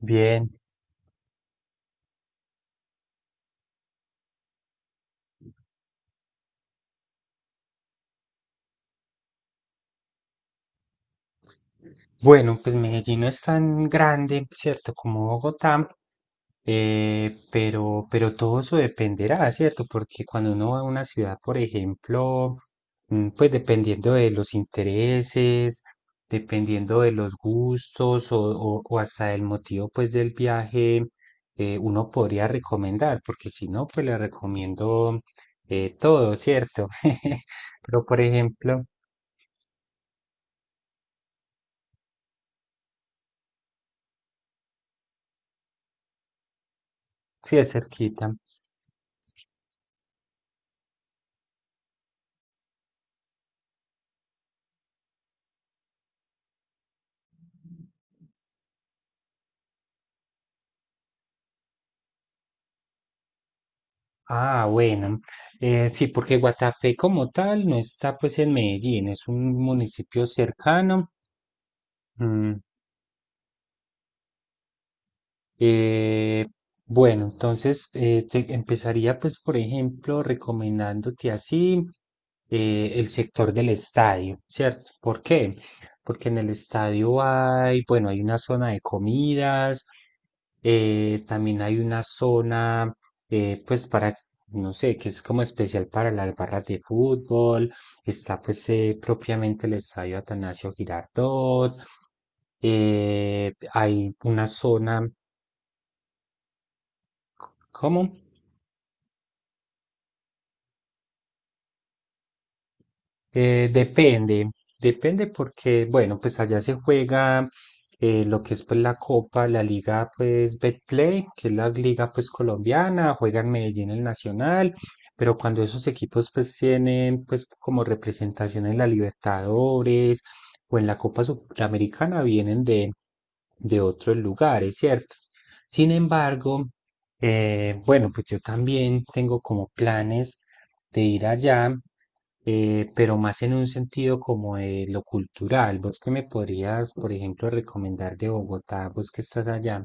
Bien. Bueno, pues Medellín no es tan grande, ¿cierto? Como Bogotá, pero todo eso dependerá, ¿cierto? Porque cuando uno va a una ciudad, por ejemplo, pues dependiendo de los intereses, dependiendo de los gustos o hasta el motivo, pues, del viaje, uno podría recomendar, porque si no, pues le recomiendo todo, ¿cierto? Pero, por ejemplo, sí es cerquita. Ah, bueno. Sí, porque Guatapé como tal no está pues en Medellín, es un municipio cercano. mm, Eh, bueno, entonces te empezaría pues por ejemplo recomendándote así el sector del estadio, ¿cierto? ¿Por qué? Porque en el estadio hay, bueno, hay una zona de comidas, también hay una zona, pues para, no sé, que es como especial para las barras de fútbol. Está pues propiamente el estadio Atanasio Girardot. Hay una zona. ¿Cómo? Eh, depende, depende porque, bueno, pues allá se juega lo que es pues la Copa, la Liga pues Betplay, que es la liga pues colombiana, juega en Medellín el Nacional, pero cuando esos equipos pues tienen pues como representación en la Libertadores o en la Copa Sudamericana vienen de otros lugares, ¿cierto? Sin embargo, bueno, pues yo también tengo como planes de ir allá, pero más en un sentido como de lo cultural. ¿Vos qué me podrías, por ejemplo, recomendar de Bogotá? ¿Vos que estás allá?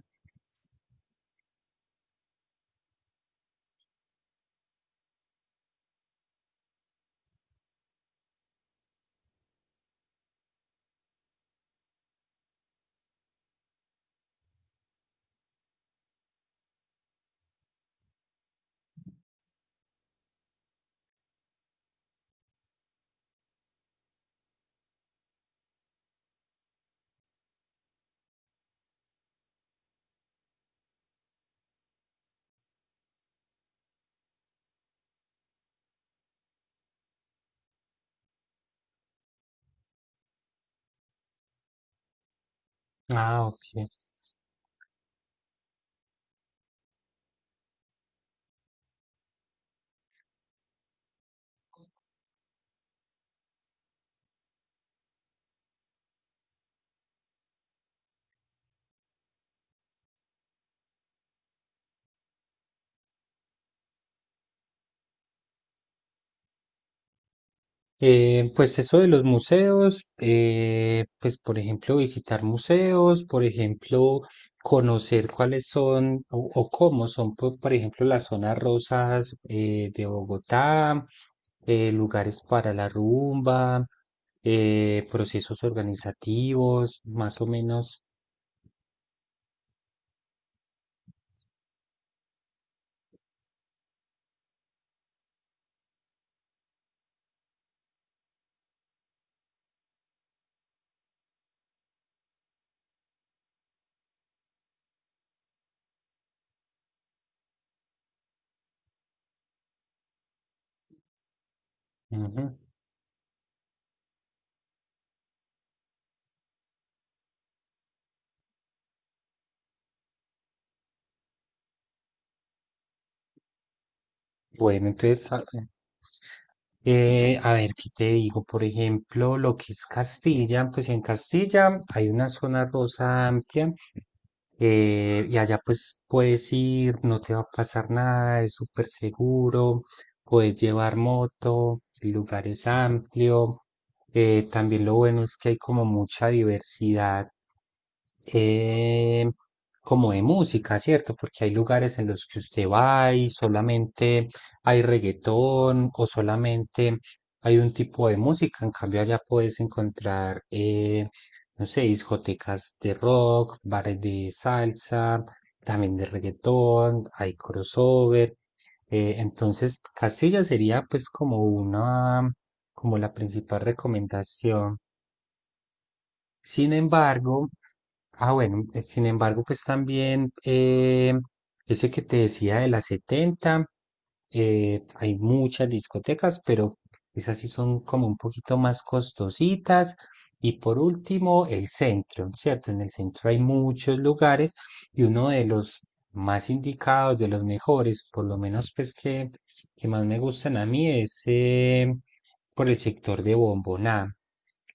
Ah, ok. Pues eso de los museos, pues por ejemplo visitar museos, por ejemplo conocer cuáles son o cómo son, por ejemplo, las zonas rosas de Bogotá, lugares para la rumba, procesos organizativos, más o menos. Bueno, entonces, a ver, ¿qué te digo? Por ejemplo, lo que es Castilla, pues en Castilla hay una zona rosa amplia, y allá pues puedes ir, no te va a pasar nada, es súper seguro, puedes llevar moto, el lugar es amplio. También lo bueno es que hay como mucha diversidad eh, como de música, ¿cierto? Porque hay lugares en los que usted va y solamente hay reggaetón o solamente hay un tipo de música. En cambio, allá puedes encontrar no sé, discotecas de rock, bares de salsa, también de reggaetón, hay crossover. Entonces, Castilla sería pues como como la principal recomendación. Sin embargo, bueno, sin embargo, pues también ese que te decía de las 70, hay muchas discotecas, pero esas sí son como un poquito más costositas. Y por último, el centro, ¿cierto? En el centro hay muchos lugares y uno de los más indicados, de los mejores, por lo menos pues que más me gustan a mí, es por el sector de Bomboná,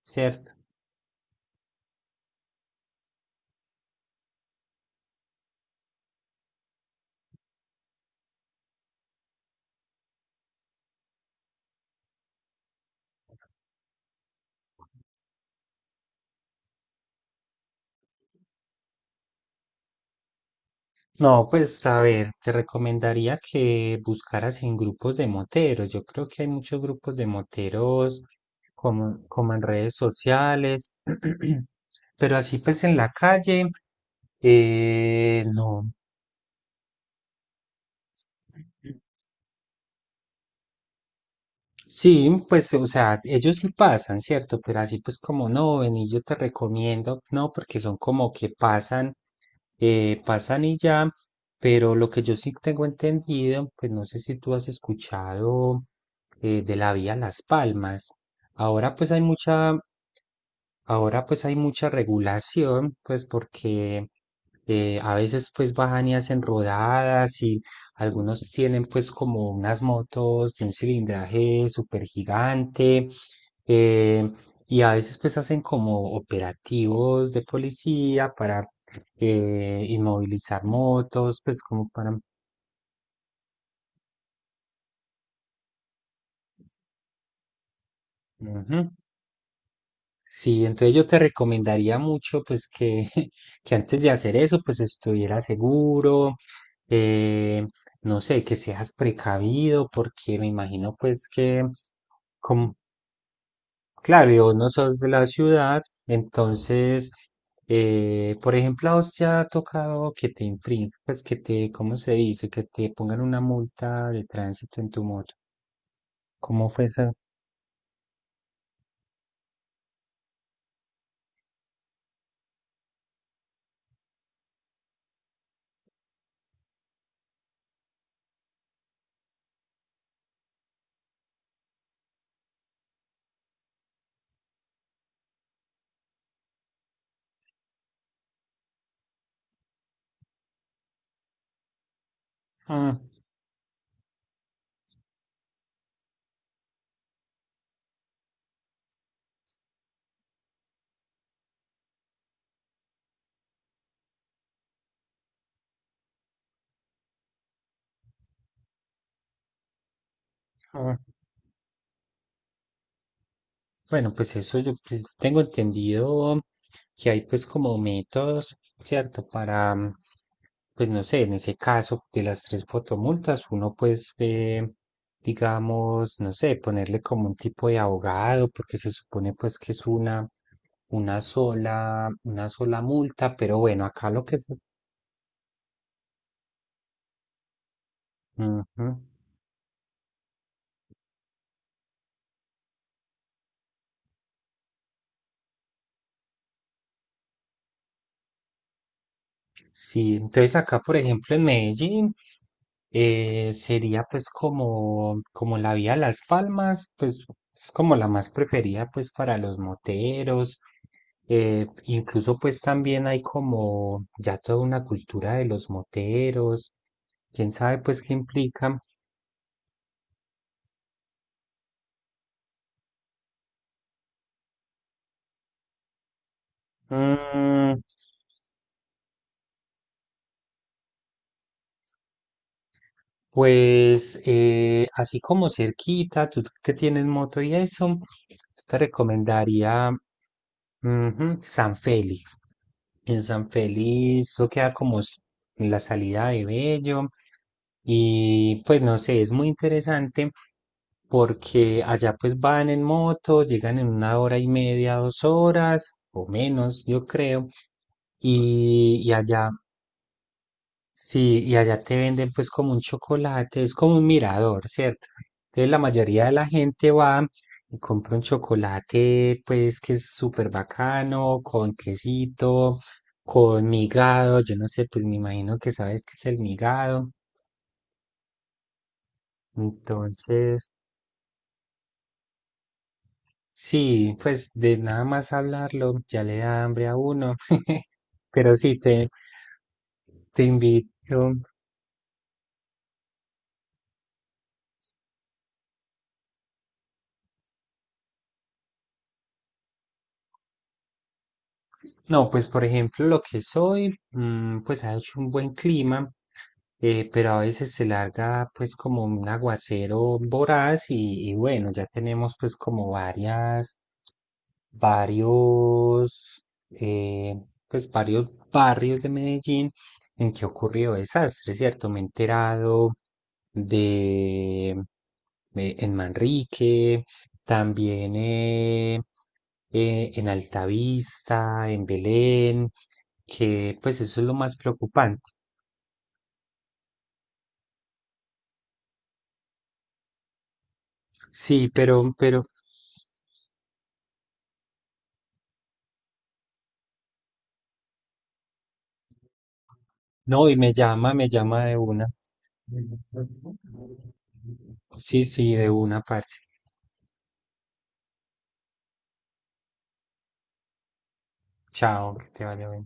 ¿cierto? No, pues a ver, te recomendaría que buscaras en grupos de moteros. Yo creo que hay muchos grupos de moteros como en redes sociales. Pero así pues en la calle, no. Sí, pues, o sea, ellos sí pasan, ¿cierto? Pero así pues como no, ven y yo te recomiendo, no, porque son como que pasan y ya, pero lo que yo sí tengo entendido, pues no sé si tú has escuchado de la vía Las Palmas. Ahora pues hay mucha, Ahora pues hay mucha regulación, pues porque a veces pues bajan y hacen rodadas y algunos tienen pues como unas motos de un cilindraje súper gigante y a veces pues hacen como operativos de policía para inmovilizar motos, pues como para... Ujú. Sí, entonces yo te recomendaría mucho pues que, que antes de hacer eso pues estuviera seguro, eh, no sé, que seas precavido porque me imagino pues que, como, claro, y vos no sos de la ciudad, entonces, por ejemplo, a vos te ha tocado que te infrinjan, pues que te, ¿cómo se dice? Que te pongan una multa de tránsito en tu moto. ¿Cómo fue eso? Ah, ah. Bueno, pues eso yo pues, tengo entendido que hay pues como métodos, ¿cierto? Para, pues no sé, en ese caso de las tres fotomultas, uno pues digamos, no sé, ponerle como un tipo de abogado, porque se supone pues que es una sola multa, pero bueno, acá lo que se... Ujú. Sí, entonces acá, por ejemplo, en Medellín, sería pues como la vía Las Palmas, pues es como la más preferida pues para los moteros. Incluso pues también hay como ya toda una cultura de los moteros. ¿Quién sabe pues qué implica? mm, Pues así como cerquita, tú que tienes moto y eso, yo te recomendaría, ujú, San Félix. En San Félix, eso queda como en la salida de Bello. Y pues no sé, es muy interesante porque allá pues van en moto, llegan en una hora y media, 2 horas o menos, yo creo. Y allá Sí, y allá te venden pues como un chocolate, es como un mirador, ¿cierto? Entonces la mayoría de la gente va y compra un chocolate pues que es súper bacano, con quesito, con migado, yo no sé, pues me imagino que sabes qué es el migado. Entonces, sí, pues de nada más hablarlo ya le da hambre a uno. Pero sí, te invito. No, pues por ejemplo, lo que soy, pues ha hecho un buen clima, pero a veces se larga pues como un aguacero voraz y bueno, ya tenemos pues como varias, varios, eh, pues varios barrios de Medellín en que ha ocurrido desastre, ¿cierto? Me he enterado de, en Manrique, también en Altavista, en Belén, que pues eso es lo más preocupante. Sí, pero, no, y me llama de una. Sí, sí, de una parte. Chao, que te vaya bien.